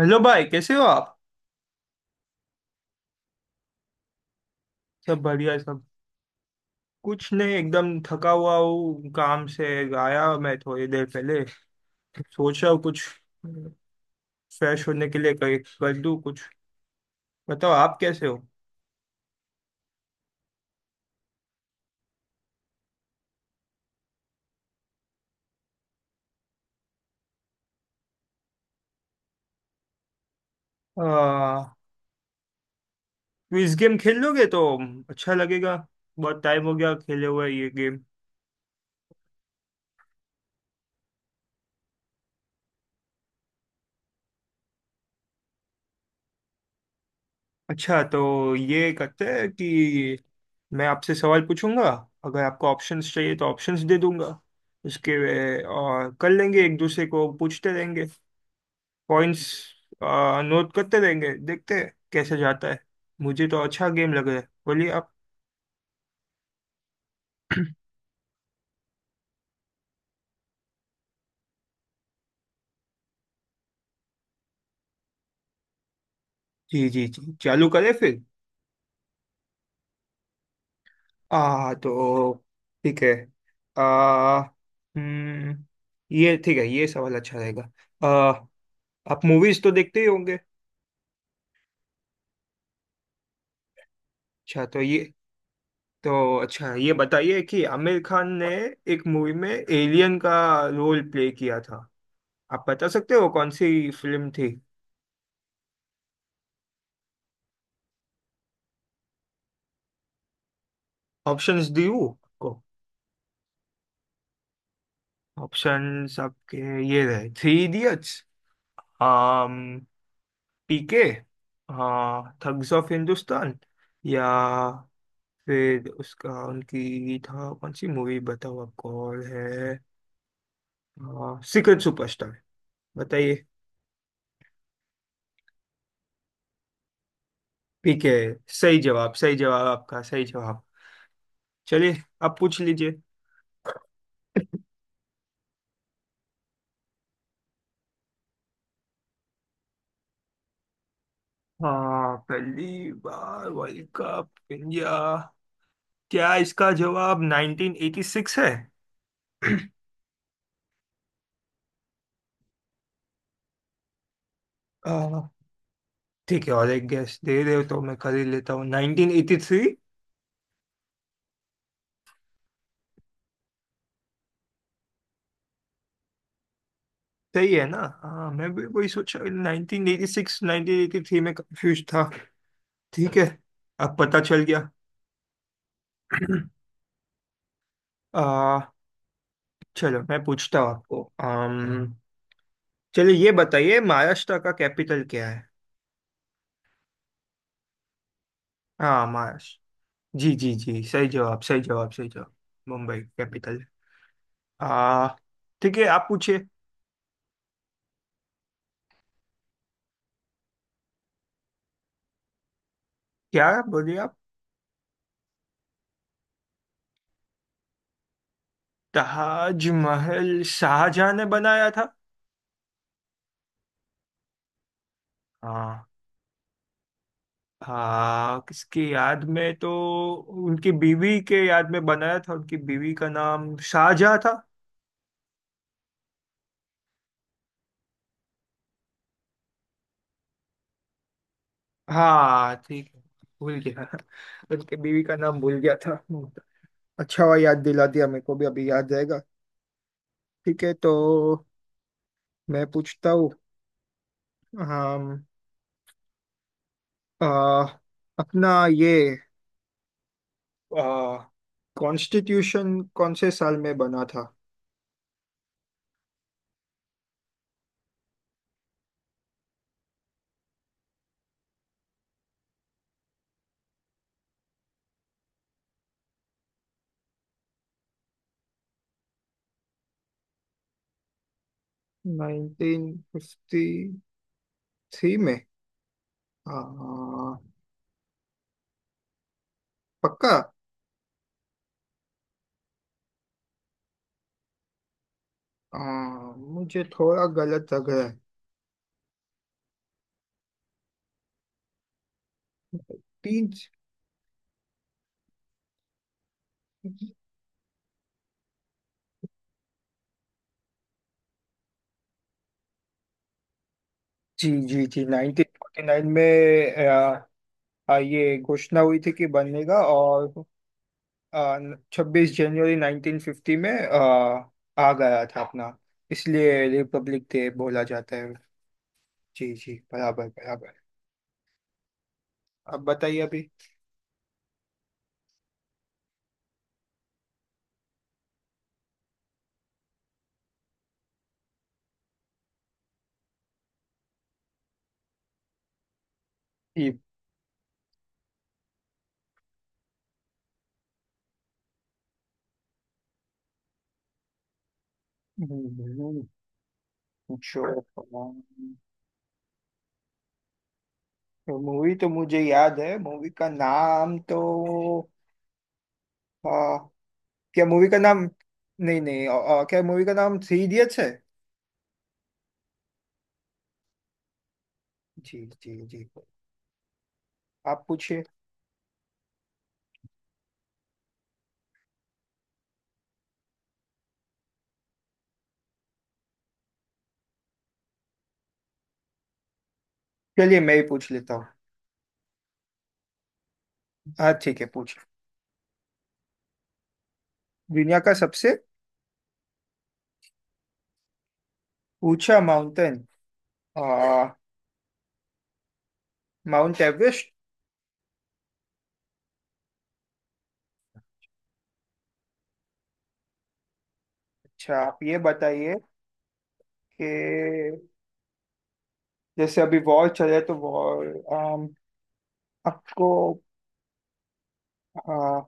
Hello भाई, कैसे हो आप? सब बढ़िया, सब। कुछ नहीं, एकदम थका हुआ हूँ काम से। आया मैं थोड़ी देर पहले। सोच रहा हूँ कुछ फ्रेश होने के लिए कर दूँ कुछ। बताओ, आप कैसे हो? आ, क्विज गेम खेल लोगे तो अच्छा लगेगा। बहुत टाइम हो गया खेले हुए ये गेम। अच्छा, तो ये करते हैं कि मैं आपसे सवाल पूछूंगा। अगर आपको ऑप्शंस चाहिए तो ऑप्शंस दे दूंगा। उसके और कर लेंगे, एक दूसरे को पूछते रहेंगे, पॉइंट्स नोट करते रहेंगे, देखते हैं कैसे जाता है। मुझे तो अच्छा गेम लग रहा है, बोलिए आप। जी जी जी, चालू करें फिर। आ तो ठीक है। आ हम्म ये ठीक है, ये सवाल अच्छा रहेगा। आ आप मूवीज तो देखते ही होंगे। अच्छा, तो ये। तो अच्छा, ये बताइए कि आमिर खान ने एक मूवी में एलियन का रोल प्ले किया था। आप बता सकते हो कौन सी फिल्म थी? ऑप्शंस दी हूँ आपको। ऑप्शंस आपके ये रहे, थ्री इडियट्स, पीके, हाँ, थग्स ऑफ हिंदुस्तान, या फिर उसका उनकी था कौन सी मूवी, बताओ आपको और है सीक्रेट सुपरस्टार। बताइए। पीके। सही जवाब, सही जवाब आपका, सही जवाब। चलिए, आप पूछ लीजिए। हाँ, पहली बार वर्ल्ड कप इंडिया, क्या इसका जवाब 1986 है? आ, ठीक है, और एक गैस दे रहे हो तो मैं कर ही लेता हूँ 1983। सही है ना? हाँ, मैं भी वही सोचा, 1986 1983 में कंफ्यूज था। ठीक है, अब पता चल गया। आ, चलो मैं पूछता हूँ आपको। चलिए, ये बताइए महाराष्ट्र का कैपिटल क्या है? हाँ, महाराष्ट्र। जी जी जी, सही जवाब, सही जवाब, सही जवाब। मुंबई कैपिटल। आ ठीक है, आप पूछिए। क्या बोलिए आप? ताजमहल शाहजहां ने बनाया था। हाँ। हाँ, किसकी याद में तो उनकी बीवी के याद में बनाया था, उनकी बीवी का नाम शाहजहा था। हाँ ठीक है, भूल गया। उनकी बीवी का नाम भूल गया था। अच्छा हुआ, याद दिला दिया, मेरे को भी अभी याद रहेगा। ठीक है, तो मैं पूछता हूँ। हम आ, अपना ये कॉन्स्टिट्यूशन कौन से साल में बना था? 1953 में? हाँ, पक्का? हाँ, मुझे थोड़ा गलत लग रहा है। तीन। जी जी जी, 1949 में। आ, आ, ये घोषणा हुई थी कि बनेगा, और 26 जनवरी 1950 में आ गया था अपना, इसलिए रिपब्लिक डे बोला जाता है। जी जी, बराबर बराबर। अब बताइए अभी। ये। हम्म, जो मूवी तो मुझे याद है, मूवी का नाम तो। क्या मूवी का नाम? नहीं नहीं, क्या मूवी का नाम थ्री इडियट्स है? जी जी जी, आप पूछिए। चलिए, मैं ही पूछ लेता हूँ। हाँ ठीक है, पूछिए। दुनिया का सबसे ऊंचा माउंटेन। आ, माउंट एवरेस्ट। अच्छा, आप ये बताइए कि जैसे अभी वॉर चले तो वॉर, आपको, आ,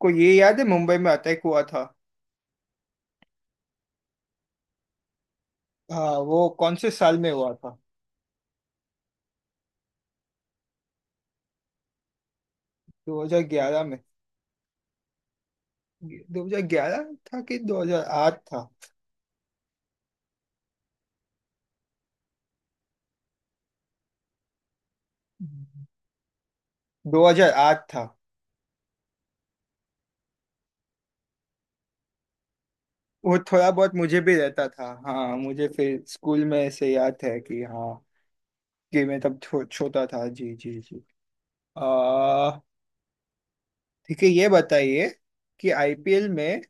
को ये याद है मुंबई में अटैक हुआ था? वो कौन से साल में हुआ था? 2011 में? 2011 था कि 2008 था? 2008 था। वो थोड़ा बहुत मुझे भी रहता था, हाँ मुझे फिर स्कूल में ऐसे याद है कि हाँ कि मैं तब छोटा था। जी जी जी। आ ठीक है, ये बताइए कि आईपीएल में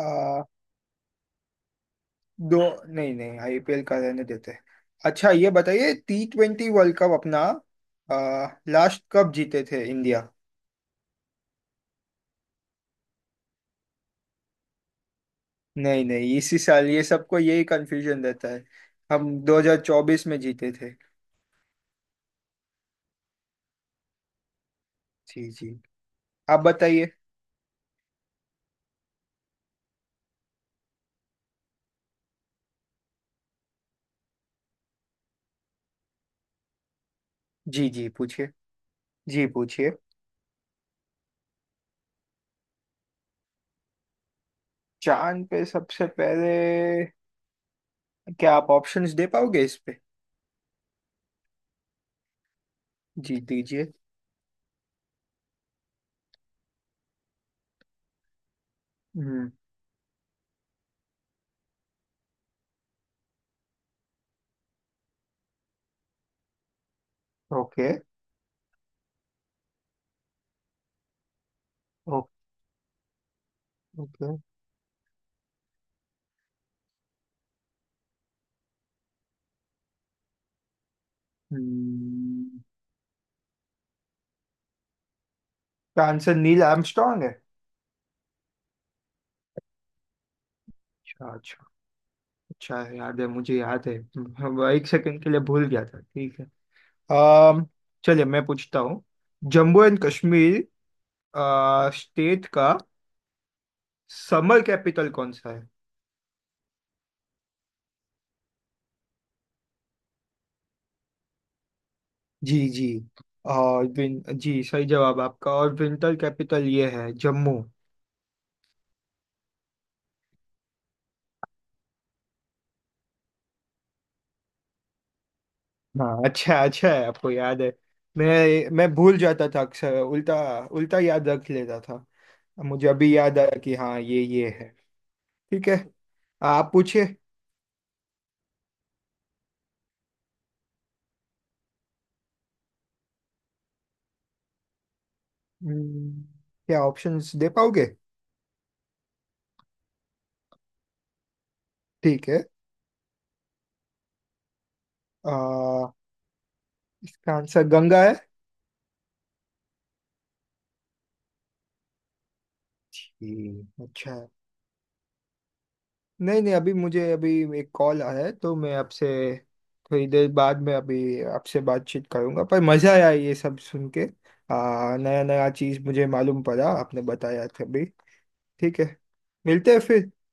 आ, दो। नहीं नहीं, आईपीएल का रहने देते हैं। अच्छा, ये बताइए T20 वर्ल्ड कप अपना लास्ट कब जीते थे इंडिया? नहीं नहीं इसी साल? ये सबको यही कंफ्यूजन रहता है। हम 2024 में जीते थे। जी जी, आप बताइए। जी जी पूछिए। जी पूछिए। चांद पे सबसे पहले? क्या आप ऑप्शंस दे पाओगे इस पे? जी दीजिए। हम्म। ओके। Okay okay. हम्म क्या आंसर नील आर्मस्ट्रॉन्ग है? अच्छा अच्छा। अच्छा है, याद है, मुझे याद है। हम एक सेकंड के लिए भूल गया था। ठीक है। अम चलिए मैं पूछता हूँ। जम्मू एंड कश्मीर स्टेट का समर कैपिटल कौन सा है? जी जी और विन जी, सही जवाब आपका, और विंटर कैपिटल ये है जम्मू। हाँ, अच्छा, अच्छा है आपको याद है। मैं भूल जाता था अक्सर उल्टा, उल्टा याद रख लेता था। मुझे अभी याद आया कि हाँ ये है। ठीक है, आप पूछिए। हम्म, क्या ऑप्शंस दे पाओगे? ठीक है। आ, इसका आंसर गंगा है। ठीक, अच्छा है। नहीं नहीं, अभी मुझे अभी एक कॉल आया है, तो मैं आपसे थोड़ी देर बाद में अभी आपसे बातचीत करूंगा, पर मजा आया ये सब सुन के। नया नया चीज मुझे मालूम पड़ा, आपने बताया था। ठीक है, मिलते हैं फिर।